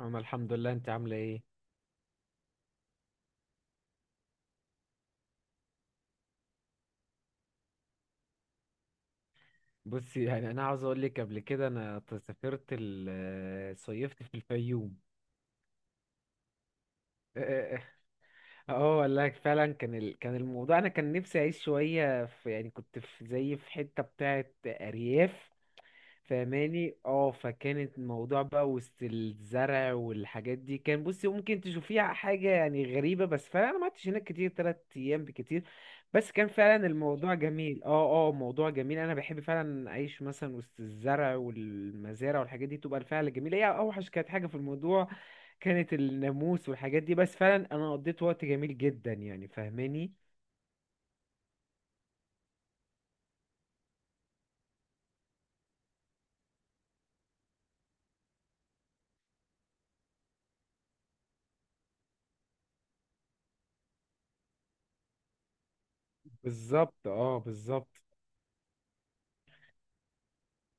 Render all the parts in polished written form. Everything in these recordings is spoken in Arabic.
انا الحمد لله. انت عامله ايه؟ بصي، يعني انا عاوز اقول لك، قبل كده انا سافرت صيفت في الفيوم. اه آه. اه والله فعلا كان الموضوع انا كان نفسي اعيش شويه في، يعني كنت في زي في حته بتاعه ارياف، فاهماني؟ اه، فكانت الموضوع بقى وسط الزرع والحاجات دي، كان، بصي، ممكن تشوفيها حاجة يعني غريبة، بس فعلا انا ما قعدتش هناك كتير، تلات ايام بكتير. بس كان فعلا الموضوع جميل، اه موضوع جميل. انا بحب فعلا اعيش مثلا وسط الزرع والمزارع والحاجات دي، تبقى الفعل جميل. هي اوحش كانت حاجة في الموضوع كانت الناموس والحاجات دي، بس فعلا انا قضيت وقت جميل جدا يعني، فاهماني؟ بالظبط، بالظبط.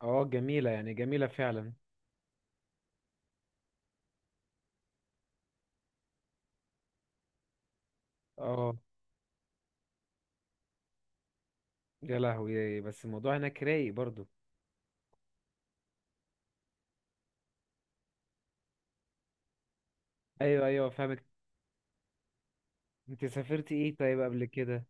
اه، جميلة يعني، جميلة فعلا. اه. يا لهوي، بس الموضوع هناك رايق برضو. ايوه ايوه، فاهمك. انت سافرتي ايه طيب قبل كده؟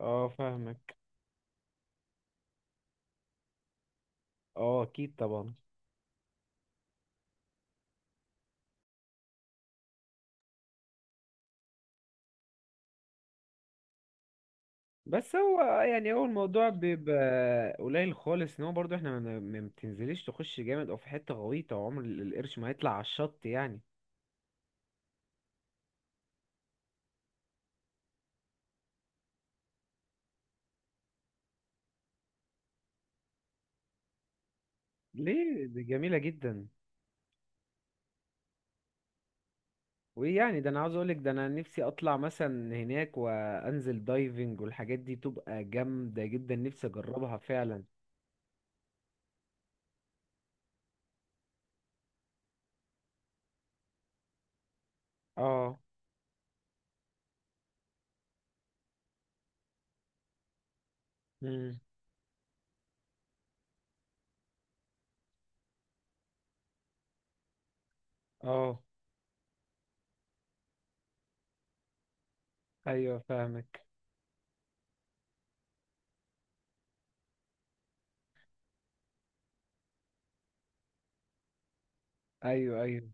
اه فاهمك. اه اكيد طبعا. بس هو يعني، هو الموضوع بيبقى قليل خالص، ان هو برضو احنا ما بتنزليش تخش جامد او في حته غويطه، وعمر القرش ما هيطلع على الشط يعني. ليه؟ دي جميله جدا. وايه يعني؟ ده انا عاوز اقولك، ده انا نفسي اطلع مثلا هناك وانزل دايفنج والحاجات دي، تبقى جامده جدا، نفسي اجربها فعلا. اه. امم. اه. ايوه فاهمك. ايوه ايوه.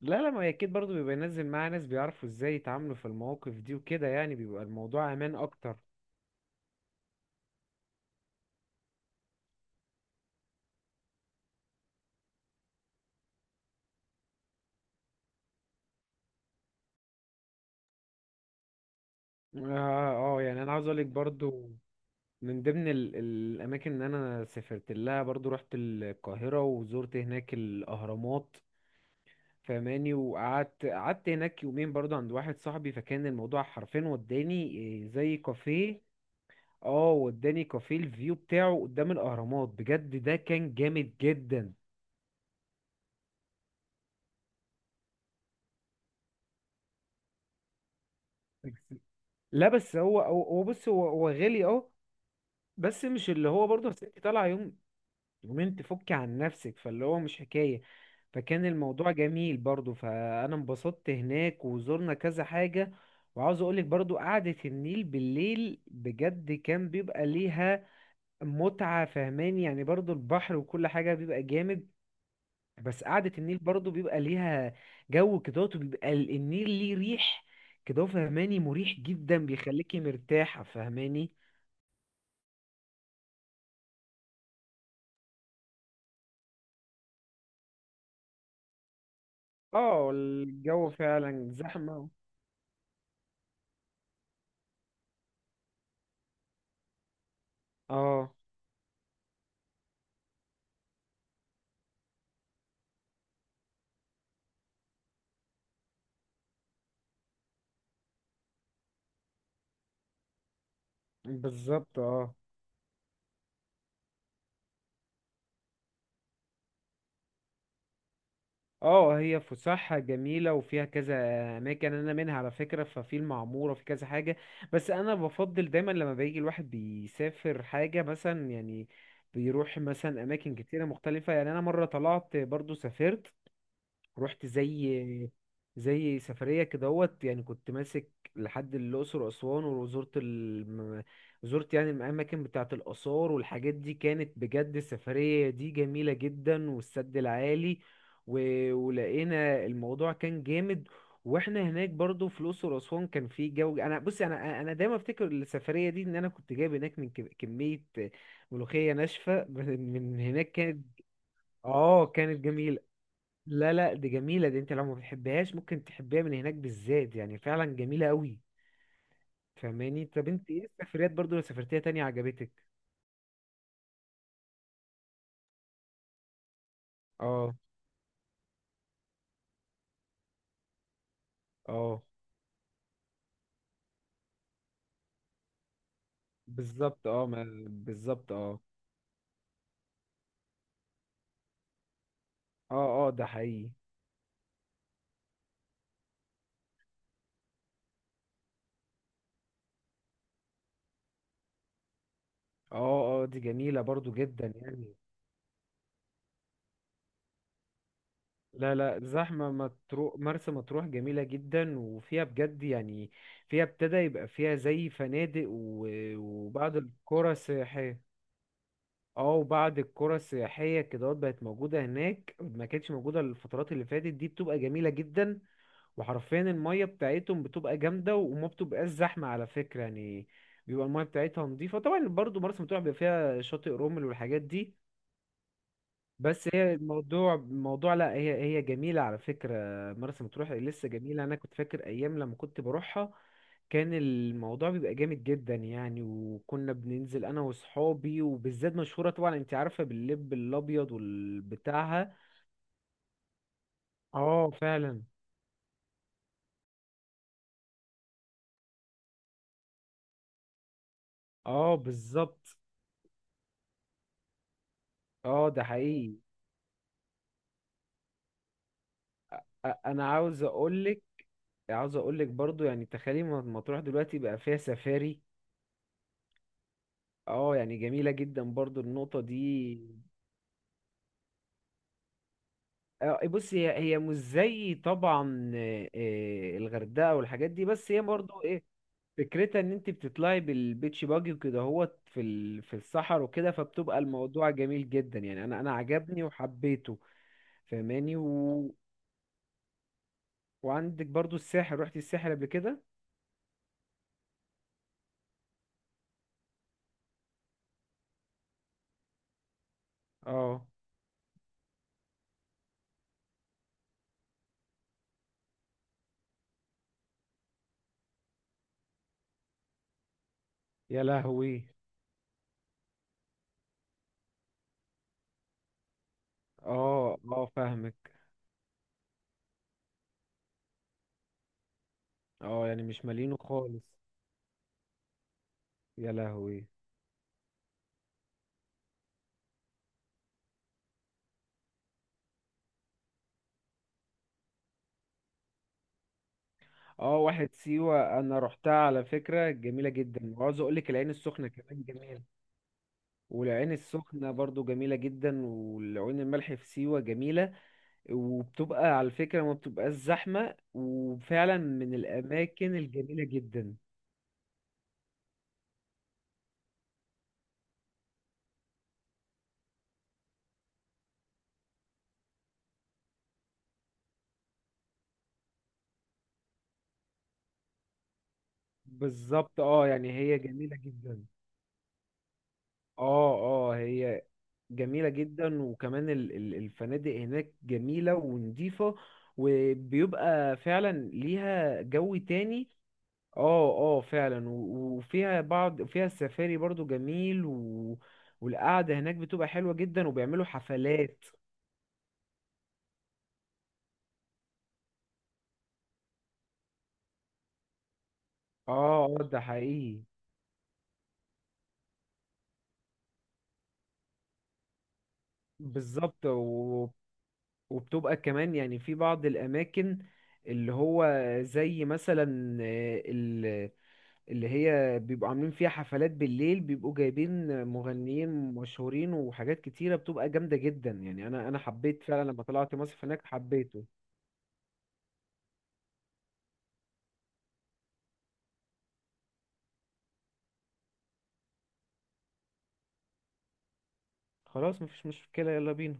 لا لا، ما هي اكيد برضه بيبقى ينزل معاه ناس بيعرفوا ازاي يتعاملوا في المواقف دي وكده، يعني بيبقى الموضوع امان اكتر، اه. اه آه، يعني انا عاوز اقولك برضه، من ضمن الاماكن اللي انا سافرت لها برضه، رحت القاهره وزرت هناك الاهرامات. فماني، وقعدت هناك يومين برضه عند واحد صاحبي، فكان الموضوع حرفيا وداني إيه، زي كافيه. اه، وداني كافيه الفيو بتاعه قدام الاهرامات، بجد ده كان جامد جدا. لا بس هو، هو بص، هو غالي، اه. بس مش اللي هو برضه، أصل انت طالعه يوم يومين تفكي عن نفسك، فاللي هو مش حكايه. فكان الموضوع جميل برضه، فانا انبسطت هناك وزرنا كذا حاجه. وعاوز اقولك برضه قعدة النيل بالليل بجد كان بيبقى ليها متعة، فهماني يعني. برضه البحر وكل حاجة بيبقى جامد، بس قعدة النيل برضه بيبقى ليها جو كده، وبيبقى النيل ليه ريح كده، فهماني، مريح جدا، بيخليكي مرتاحة، فهماني. اه الجو فعلا زحمة. اه بالظبط اه. اه هي فسحة جميلة وفيها كذا أماكن، أنا منها على فكرة ففي المعمورة، في كذا حاجة. بس أنا بفضل دايما لما بيجي الواحد بيسافر حاجة مثلا، يعني بيروح مثلا أماكن كتيرة مختلفة. يعني أنا مرة طلعت برضو، سافرت، رحت زي زي سفرية كدهوت، يعني كنت ماسك لحد الأقصر وأسوان، زرت يعني الأماكن بتاعة الآثار والحاجات دي، كانت بجد السفرية دي جميلة جدا، والسد العالي، و... ولقينا الموضوع كان جامد. واحنا هناك برضو في الأقصر وأسوان كان في جو. انا بصي، انا دايما افتكر السفرية دي ان انا كنت جايب هناك من كمية ملوخية ناشفة من هناك، كانت اه كانت جميلة. لا لا دي جميلة، دي انت لو ما بتحبهاش ممكن تحبيها من هناك بالذات، يعني فعلا جميلة قوي. فاهماني؟ طب انت ايه السفريات برضو لو سافرتيها تانية عجبتك؟ اه. اه بالظبط، اه ما بالظبط اه. اه. اه ده حقيقي. اه، اه دي جميلة برضو جدا يعني. لا لا، زحمة مطروح، مرسى مطروح جميلة جدا وفيها بجد يعني، فيها ابتدى يبقى فيها زي فنادق وبعض القرى سياحية. اه وبعد القرى السياحية كده بقت موجودة هناك، ما كانتش موجودة الفترات اللي فاتت دي، بتبقى جميلة جدا. وحرفيا المية بتاعتهم بتبقى جامدة وما بتبقاش زحمة على فكرة يعني، بيبقى المية بتاعتها نظيفة. طبعا برضو مرسى مطروح بيبقى فيها شاطئ رمل والحاجات دي. بس هي الموضوع، لا هي جميلة على فكرة. مرسى مطروح لسه جميلة، أنا كنت فاكر أيام لما كنت بروحها كان الموضوع بيبقى جامد جدا يعني، وكنا بننزل انا وصحابي، وبالذات مشهورة طبعا انت عارفة باللب الابيض والبتاعها. اه فعلا. اه بالظبط. اه ده حقيقي. انا عاوز اقولك، عاوز اقولك برضو، يعني تخيلي ما تروح دلوقتي بقى فيها سفاري. اه، يعني جميلة جدا برضو النقطة دي. آه، بص هي مش زي طبعا الغردقة والحاجات دي، بس هي برضو إيه، فكرتها ان انت بتطلعي بالبيتش باجي وكده هوت في الصحر وكده، فبتبقى الموضوع جميل جدا يعني، انا عجبني وحبيته. فاهماني؟ وعندك برضو الساحل، رحتي الساحل قبل كده؟ اه. يا لهوي. اه اه فاهمك. اه يعني مش مالينه خالص. يا لهوي. اه، واحد سيوة انا رحتها على فكرة جميلة جدا، وعاوز اقول لك العين السخنة كمان جميلة. والعين السخنة برضو جميلة جدا، والعين الملح في سيوة جميلة. وبتبقى على فكرة ما بتبقاش زحمة وفعلا من الأماكن الجميلة جدا. بالظبط اه، يعني هي جميلة جدا. اه. اه هي جميلة جدا. وكمان الفنادق هناك جميلة ونضيفة، وبيبقى فعلا ليها جو تاني. اه. اه فعلا. وفيها بعض، فيها السفاري برضو جميل، والقعدة هناك بتبقى حلوة جدا وبيعملوا حفلات. اه آه، ده حقيقي. بالظبط. وبتبقى كمان يعني في بعض الأماكن اللي هو زي مثلا اللي هي بيبقوا عاملين فيها حفلات بالليل، بيبقوا جايبين مغنيين مشهورين وحاجات كتيرة بتبقى جامدة جدا يعني. أنا حبيت فعلا لما طلعت مصيف هناك، حبيته. خلاص مفيش مشكلة، يلا بينا.